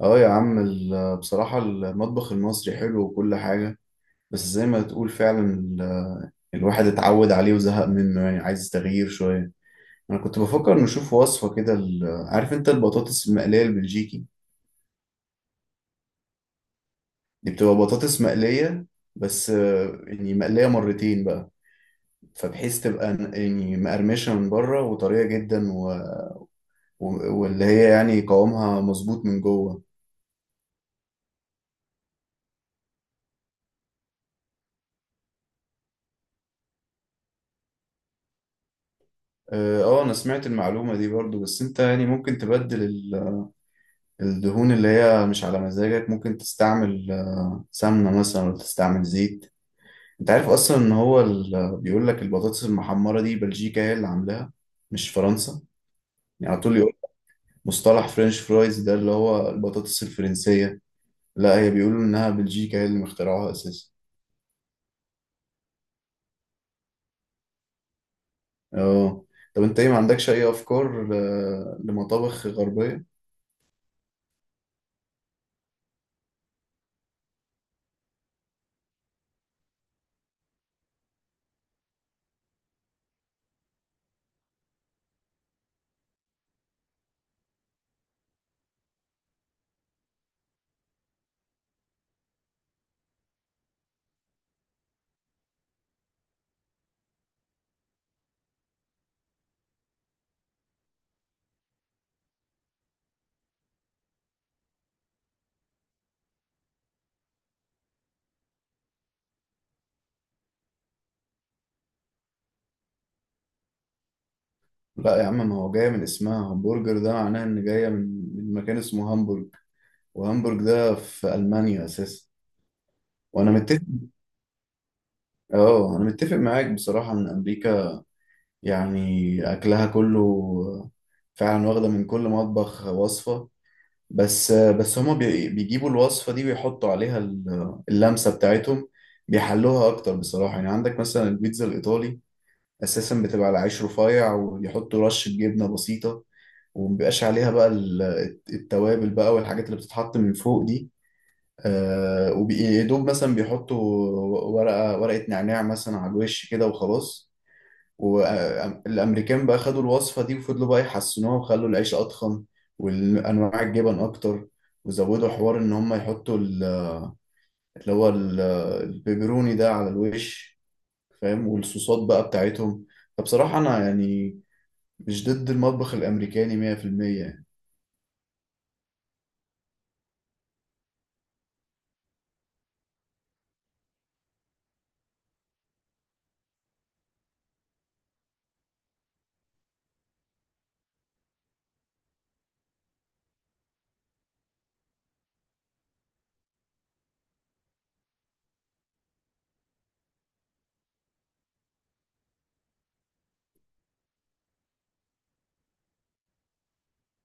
اه يا عم، بصراحة المطبخ المصري حلو وكل حاجة. بس زي ما تقول فعلا الواحد اتعود عليه وزهق منه، يعني عايز تغيير شوية. أنا كنت بفكر نشوف وصفة كده، عارف أنت البطاطس المقلية البلجيكي؟ دي بتبقى بطاطس مقلية، بس يعني مقلية مرتين بقى، فبحيث تبقى يعني مقرمشة من بره وطرية جدا واللي هي يعني قوامها مظبوط من جوه. اه، انا سمعت المعلومة دي برضو، بس انت يعني ممكن تبدل الدهون اللي هي مش على مزاجك، ممكن تستعمل سمنة مثلا أو تستعمل زيت. أنت عارف أصلا إن هو بيقول لك البطاطس المحمرة دي بلجيكا هي اللي عاملاها، مش فرنسا. يعني على طول يقول مصطلح فرنش فرايز، ده اللي هو البطاطس الفرنسية. لا، هي بيقولوا إنها بلجيكا هي اللي مخترعوها أساسا. أه، طب أنت إيه، ما عندكش أي أفكار لمطابخ غربية؟ لا يا عم، ما هو جاية من اسمها همبرجر، ده معناه إن جاية من مكان اسمه هامبورج، وهامبورج ده في ألمانيا أساسا. وانا متفق. اه، انا متفق معاك بصراحة، ان امريكا يعني اكلها كله فعلا واخدة من كل مطبخ وصفة. بس هما بيجيبوا الوصفة دي ويحطوا عليها اللمسة بتاعتهم، بيحلوها اكتر بصراحة. يعني عندك مثلا البيتزا الايطالي اساسا بتبقى على عيش رفيع ويحطوا رشة جبنة بسيطة، ومبيبقاش عليها بقى التوابل بقى والحاجات اللي بتتحط من فوق دي. وبيدوب مثلا بيحطوا ورقة ورقة نعناع مثلا على الوش كده وخلاص. والامريكان بقى خدوا الوصفه دي وفضلوا بقى يحسنوها، وخلوا العيش اضخم والانواع الجبن اكتر، وزودوا حوار ان هم يحطوا اللي هو ال- البيبروني ده على الوش، فاهم، والصوصات بقى بتاعتهم. فبصراحه انا يعني مش ضد المطبخ الامريكاني 100% يعني.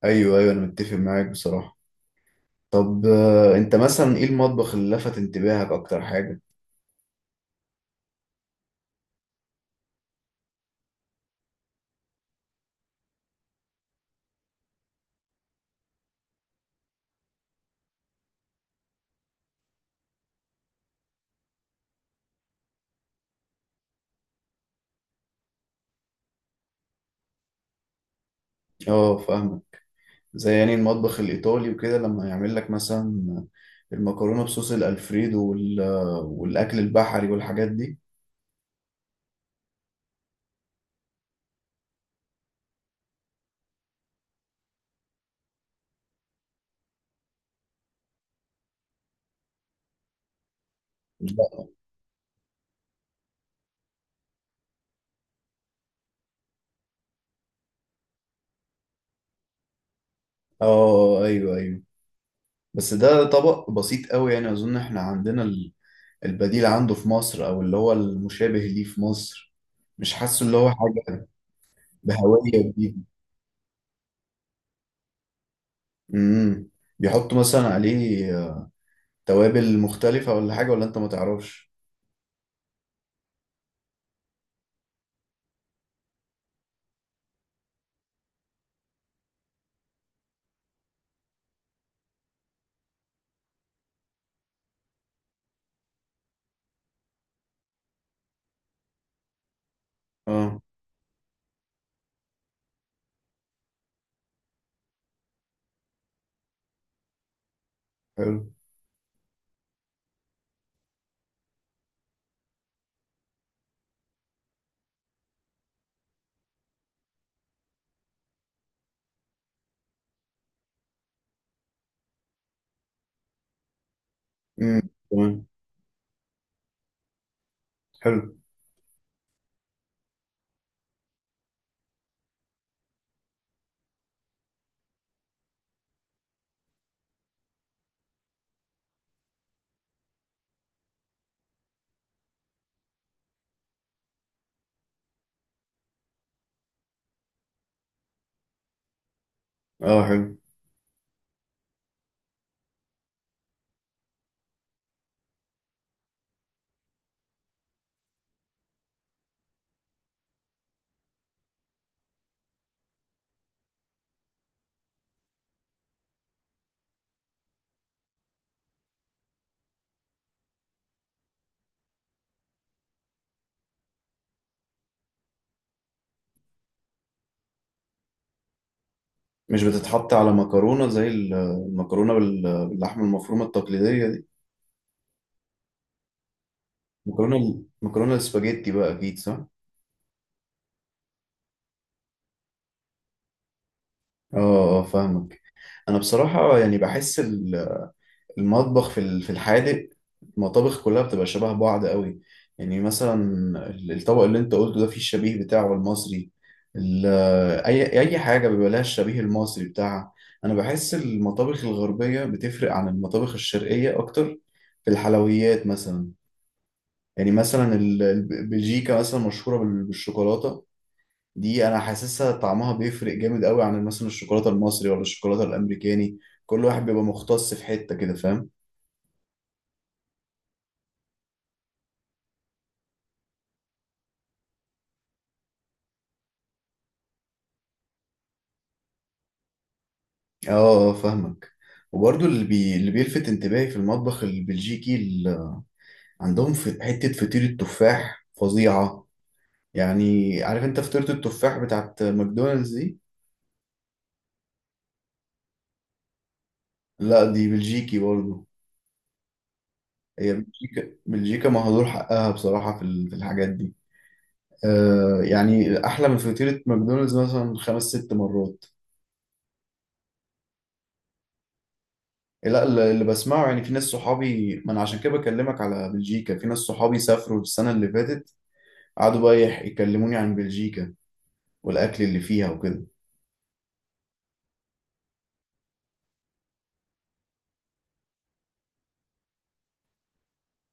ايوه، ايوه، انا متفق معاك بصراحه. طب انت مثلا ايه المطبخ اللي لفت انتباهك اكتر حاجه؟ اه، فاهم. زي يعني المطبخ الإيطالي وكده، لما يعمل لك مثلا المكرونة بصوص الألفريدو والأكل البحري والحاجات دي. لا. اه، ايوه، ايوه. بس ده طبق بسيط قوي، يعني أظن احنا عندنا البديل عنده في مصر، أو اللي هو المشابه ليه في مصر. مش حاسه اللي هو حاجة بهوية جديدة. امم بيحطوا مثلا عليه توابل مختلفة، ولا حاجة، ولا أنت ما تعرفش؟ اه، حلو. امم، تمام، حلو. اه، حلو. مش بتتحط على مكرونة، زي المكرونة باللحمة المفرومة التقليدية دي؟ مكرونة السباجيتي بقى، أكيد صح؟ اه، اه، فاهمك. أنا بصراحة يعني بحس المطبخ في الحادق، المطابخ كلها بتبقى شبه بعض قوي. يعني مثلا الطبق اللي أنت قلته ده فيه الشبيه بتاعه المصري. ال- أي حاجة بيبقى لها الشبيه المصري بتاعها. أنا بحس المطابخ الغربية بتفرق عن المطابخ الشرقية أكتر في الحلويات مثلا. يعني مثلا بلجيكا مثلا مشهورة بالشوكولاتة دي، أنا حاسسها طعمها بيفرق جامد قوي عن مثلا الشوكولاتة المصري ولا الشوكولاتة الأمريكاني. كل واحد بيبقى مختص في حتة كده، فاهم؟ اه، فاهمك. وبرضو اللي بيلفت انتباهي في المطبخ البلجيكي عندهم في حتة فطيرة التفاح فظيعة. يعني عارف انت فطيرة التفاح بتاعت ماكدونالدز دي؟ لا، دي بلجيكي برضو. هي بلجيكا بلجيكا مهدور حقها بصراحة في الحاجات دي. يعني احلى من فطيره ماكدونالدز مثلا خمس ست مرات. لا، اللي بسمعه يعني، في ناس صحابي، ما انا عشان كده بكلمك على بلجيكا، في ناس صحابي سافروا السنه اللي فاتت، قعدوا بقى يكلموني عن بلجيكا والاكل اللي فيها وكده.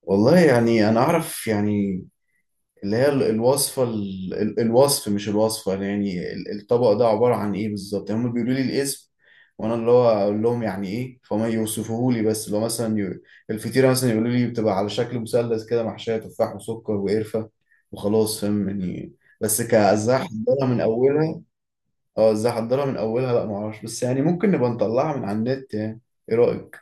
والله يعني انا اعرف يعني، اللي هي الوصفة الوصف، مش الوصفة، يعني الطبق ده عبارة عن ايه بالظبط، يعني هم بيقولوا لي الاسم، وانا اللي هو اقول لهم يعني ايه، فهم يوصفوه لي. بس لو مثلا الفطيرة مثلا، يقولوا لي بتبقى على شكل مثلث كده، محشية تفاح وسكر وقرفة، وخلاص، فاهم يعني. بس ازاي احضرها من اولها. اه، ازاي احضرها من اولها، لا معرفش، بس يعني ممكن نبقى نطلعها من على النت يعني، ايه رأيك؟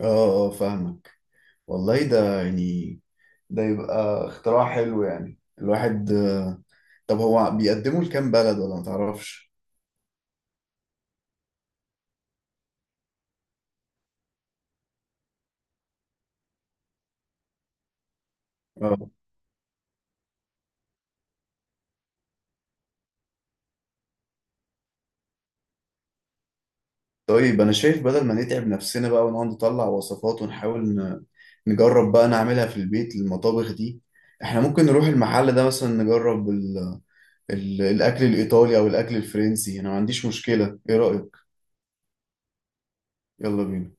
اه، اه، فاهمك. والله ده يعني، ده يبقى اختراع حلو. يعني الواحد، طب هو بيقدموا لكام بلد، ولا ما تعرفش؟ اه. طيب انا شايف بدل ما نتعب نفسنا بقى ونقعد نطلع وصفات ونحاول نجرب بقى نعملها في البيت المطابخ دي، احنا ممكن نروح المحل ده مثلا، نجرب الاكل الايطالي او الاكل الفرنسي، انا ما عنديش مشكلة، ايه رأيك؟ يلا بينا.